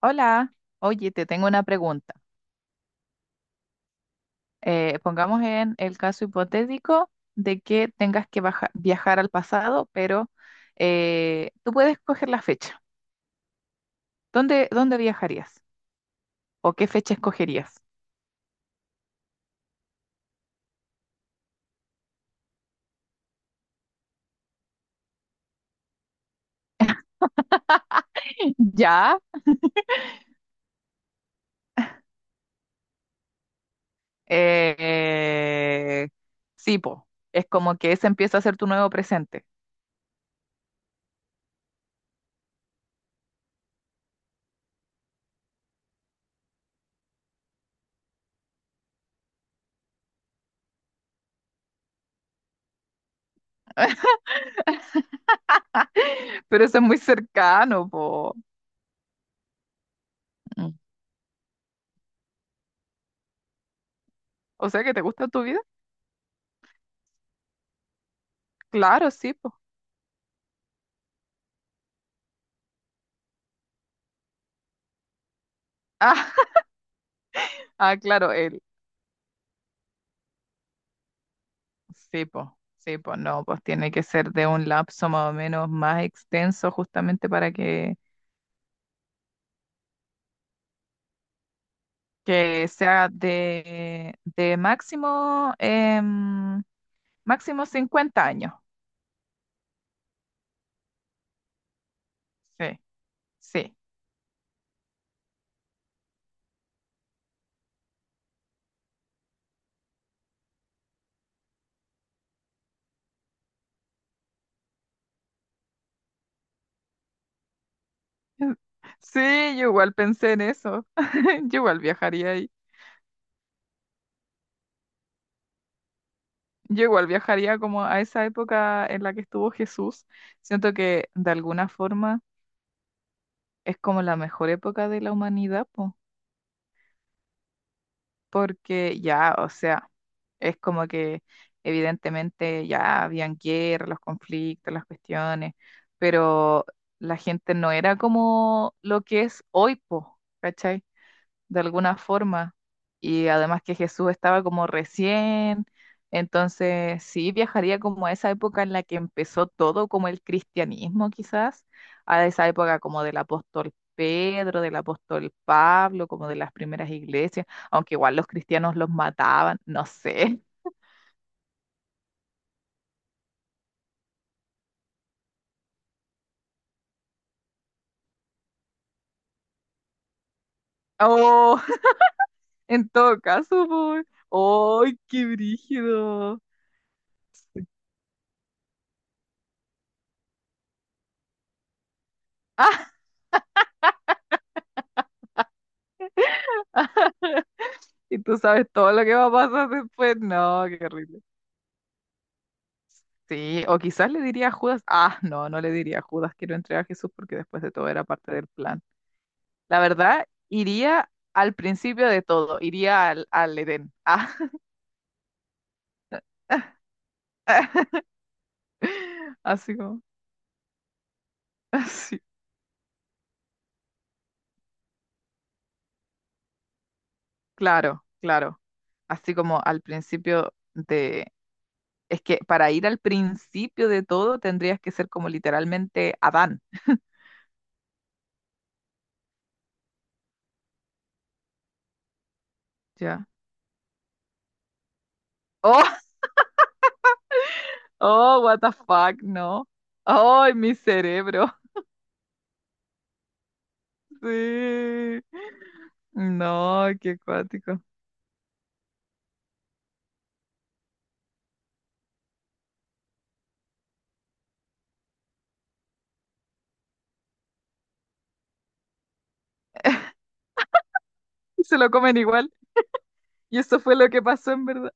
Hola, oye, te tengo una pregunta. Pongamos en el caso hipotético de que tengas que viajar al pasado, pero tú puedes escoger la fecha. ¿Dónde viajarías? ¿O qué fecha escogerías? Ya, eh, sí, po. Es como que ese empieza a ser tu nuevo presente. Pero eso es muy cercano, po. Mm. O sea, que te gusta tu vida. Claro, sí, po. Ah, ah, claro, sí, pues, sí, pues no, pues tiene que ser de un lapso más o menos más extenso justamente para que sea de máximo, máximo 50 años. Sí, sí. Sí, yo igual pensé en eso. Yo igual viajaría ahí. Yo igual viajaría como a esa época en la que estuvo Jesús. Siento que de alguna forma es como la mejor época de la humanidad, pues. Porque ya, o sea, es como que evidentemente ya habían guerra, los conflictos, las cuestiones, pero la gente no era como lo que es hoy, po, ¿cachai? De alguna forma. Y además que Jesús estaba como recién, entonces sí viajaría como a esa época en la que empezó todo, como el cristianismo quizás, a esa época como del apóstol Pedro, del apóstol Pablo, como de las primeras iglesias, aunque igual los cristianos los mataban, no sé. Oh, en todo caso, por... ¡Ay, qué brígido! Y tú sabes todo lo que va a pasar después. No, qué horrible. Sí, o quizás le diría a Judas, ah, no, no le diría a Judas que lo entregue a Jesús porque después de todo era parte del plan. La verdad, iría al principio de todo, iría al Edén. Ah, así como, así, claro, claro. Así como al principio de, es que para ir al principio de todo tendrías que ser como literalmente Adán, ¿ya? Oh, oh, what the fuck, no. Ay, mi cerebro. Sí. No, qué acuático. Y se lo comen igual. Y eso fue lo que pasó en verdad.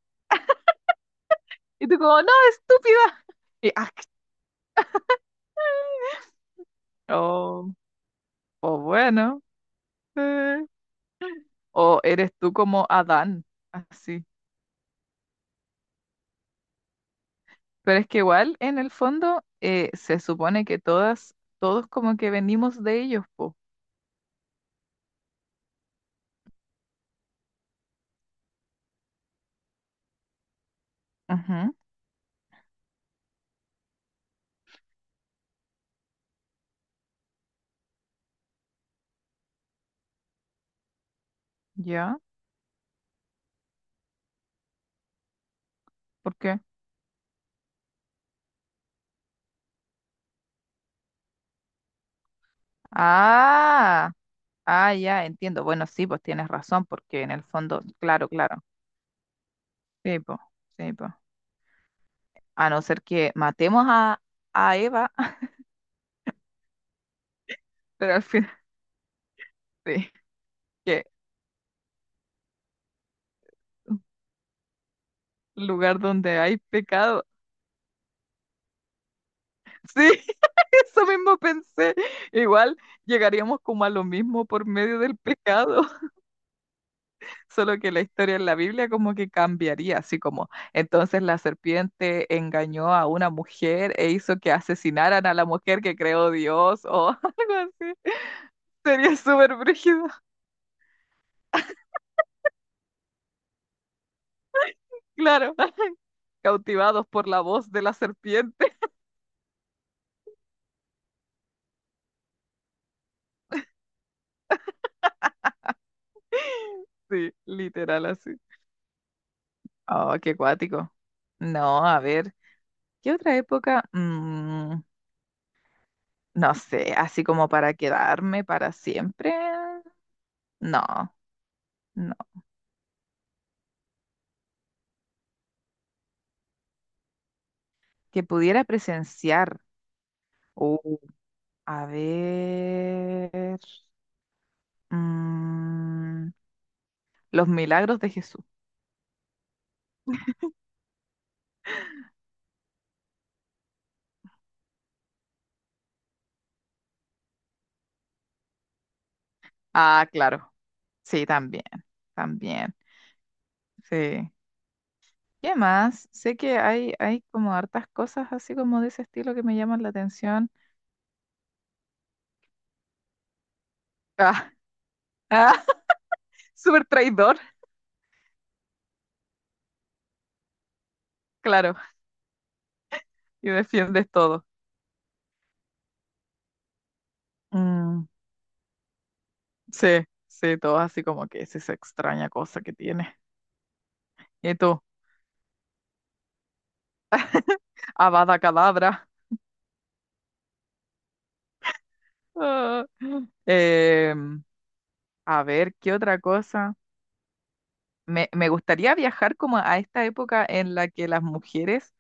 Y tú como, no, estúpida. Y, ah, o, o bueno. eh, O eres tú como Adán, así. Pero es que igual, en el fondo, se supone que todas, todos como que venimos de ellos, po. Ujú, ¿ya? ¿Por qué? Ah, ah, ya, entiendo. Bueno, sí, pues tienes razón, porque en el fondo, claro, claro. Sí, po, sí, po. A no ser que matemos a Eva, pero al final sí, que lugar donde hay pecado. Sí, eso mismo pensé. Igual llegaríamos como a lo mismo por medio del pecado, solo que la historia en la Biblia como que cambiaría, así como entonces la serpiente engañó a una mujer e hizo que asesinaran a la mujer que creó Dios o algo así. Sería súper brígido, claro, cautivados por la voz de la serpiente. Sí, literal así. Oh, qué cuático. No, a ver, ¿qué otra época? Mm, no sé, así como para quedarme para siempre. No, no. Que pudiera presenciar. Uh, a ver. mm, los milagros de Jesús. Ah, claro. Sí, también. También. Sí. ¿Qué más? Sé que hay como hartas cosas así como de ese estilo que me llaman la atención. Ah, ah, súper traidor. Claro. Y defiendes todo. Mm, sí, sí, todo así como que es esa extraña cosa que tiene. Y tú, Avada Kedavra. Ah. Em, a ver, ¿qué otra cosa? Me gustaría viajar como a esta época en la que las mujeres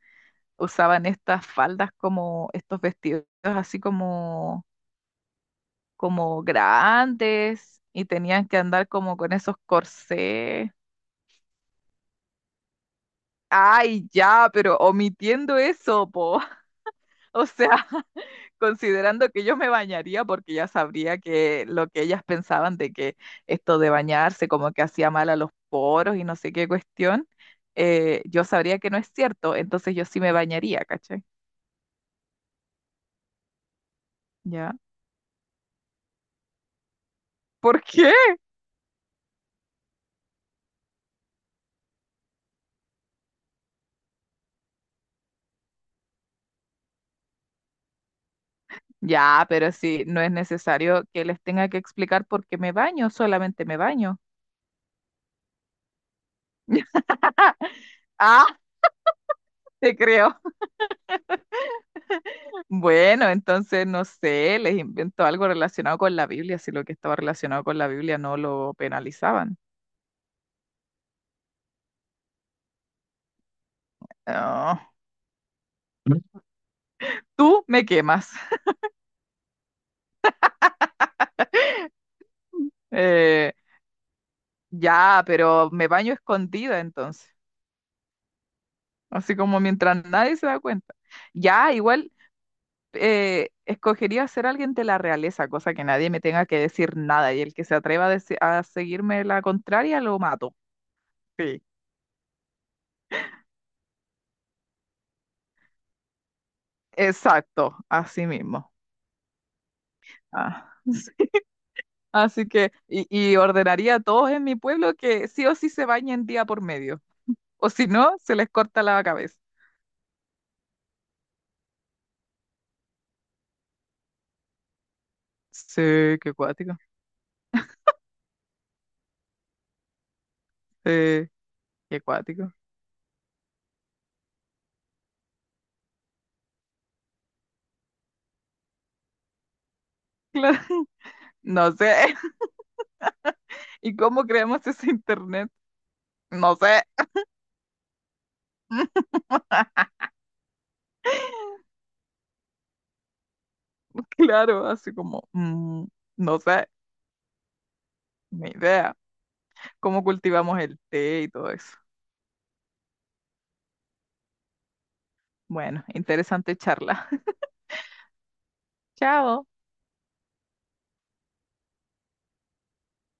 usaban estas faldas como estos vestidos así como, como grandes y tenían que andar como con esos corsés. Ay, ya, pero omitiendo eso, po. O sea, considerando que yo me bañaría porque ya sabría que lo que ellas pensaban de que esto de bañarse como que hacía mal a los poros y no sé qué cuestión, yo sabría que no es cierto, entonces yo sí me bañaría, ¿cachai? ¿Ya? ¿Por qué? Ya, pero sí, no es necesario que les tenga que explicar por qué me baño, solamente me baño. Ah, te creo. Bueno, entonces no sé, les invento algo relacionado con la Biblia, si lo que estaba relacionado con la Biblia no lo penalizaban. Ah. Tú me quemas. Eh, ya, pero me baño escondida entonces. Así como mientras nadie se da cuenta. Ya, igual escogería ser alguien de la realeza, cosa que nadie me tenga que decir nada. Y el que se atreva a seguirme la contraria lo mato. Sí. Exacto, así mismo. Ah, sí. Así que, y ordenaría a todos en mi pueblo que sí o sí se bañen día por medio. O si no, se les corta la cabeza. Sí, qué cuático. Sí, qué cuático. Claro, no sé. ¿Y cómo creamos ese internet? No sé. Claro, así como, mm, no sé, ni idea. ¿Cómo cultivamos el té y todo eso? Bueno, interesante charla. Chao.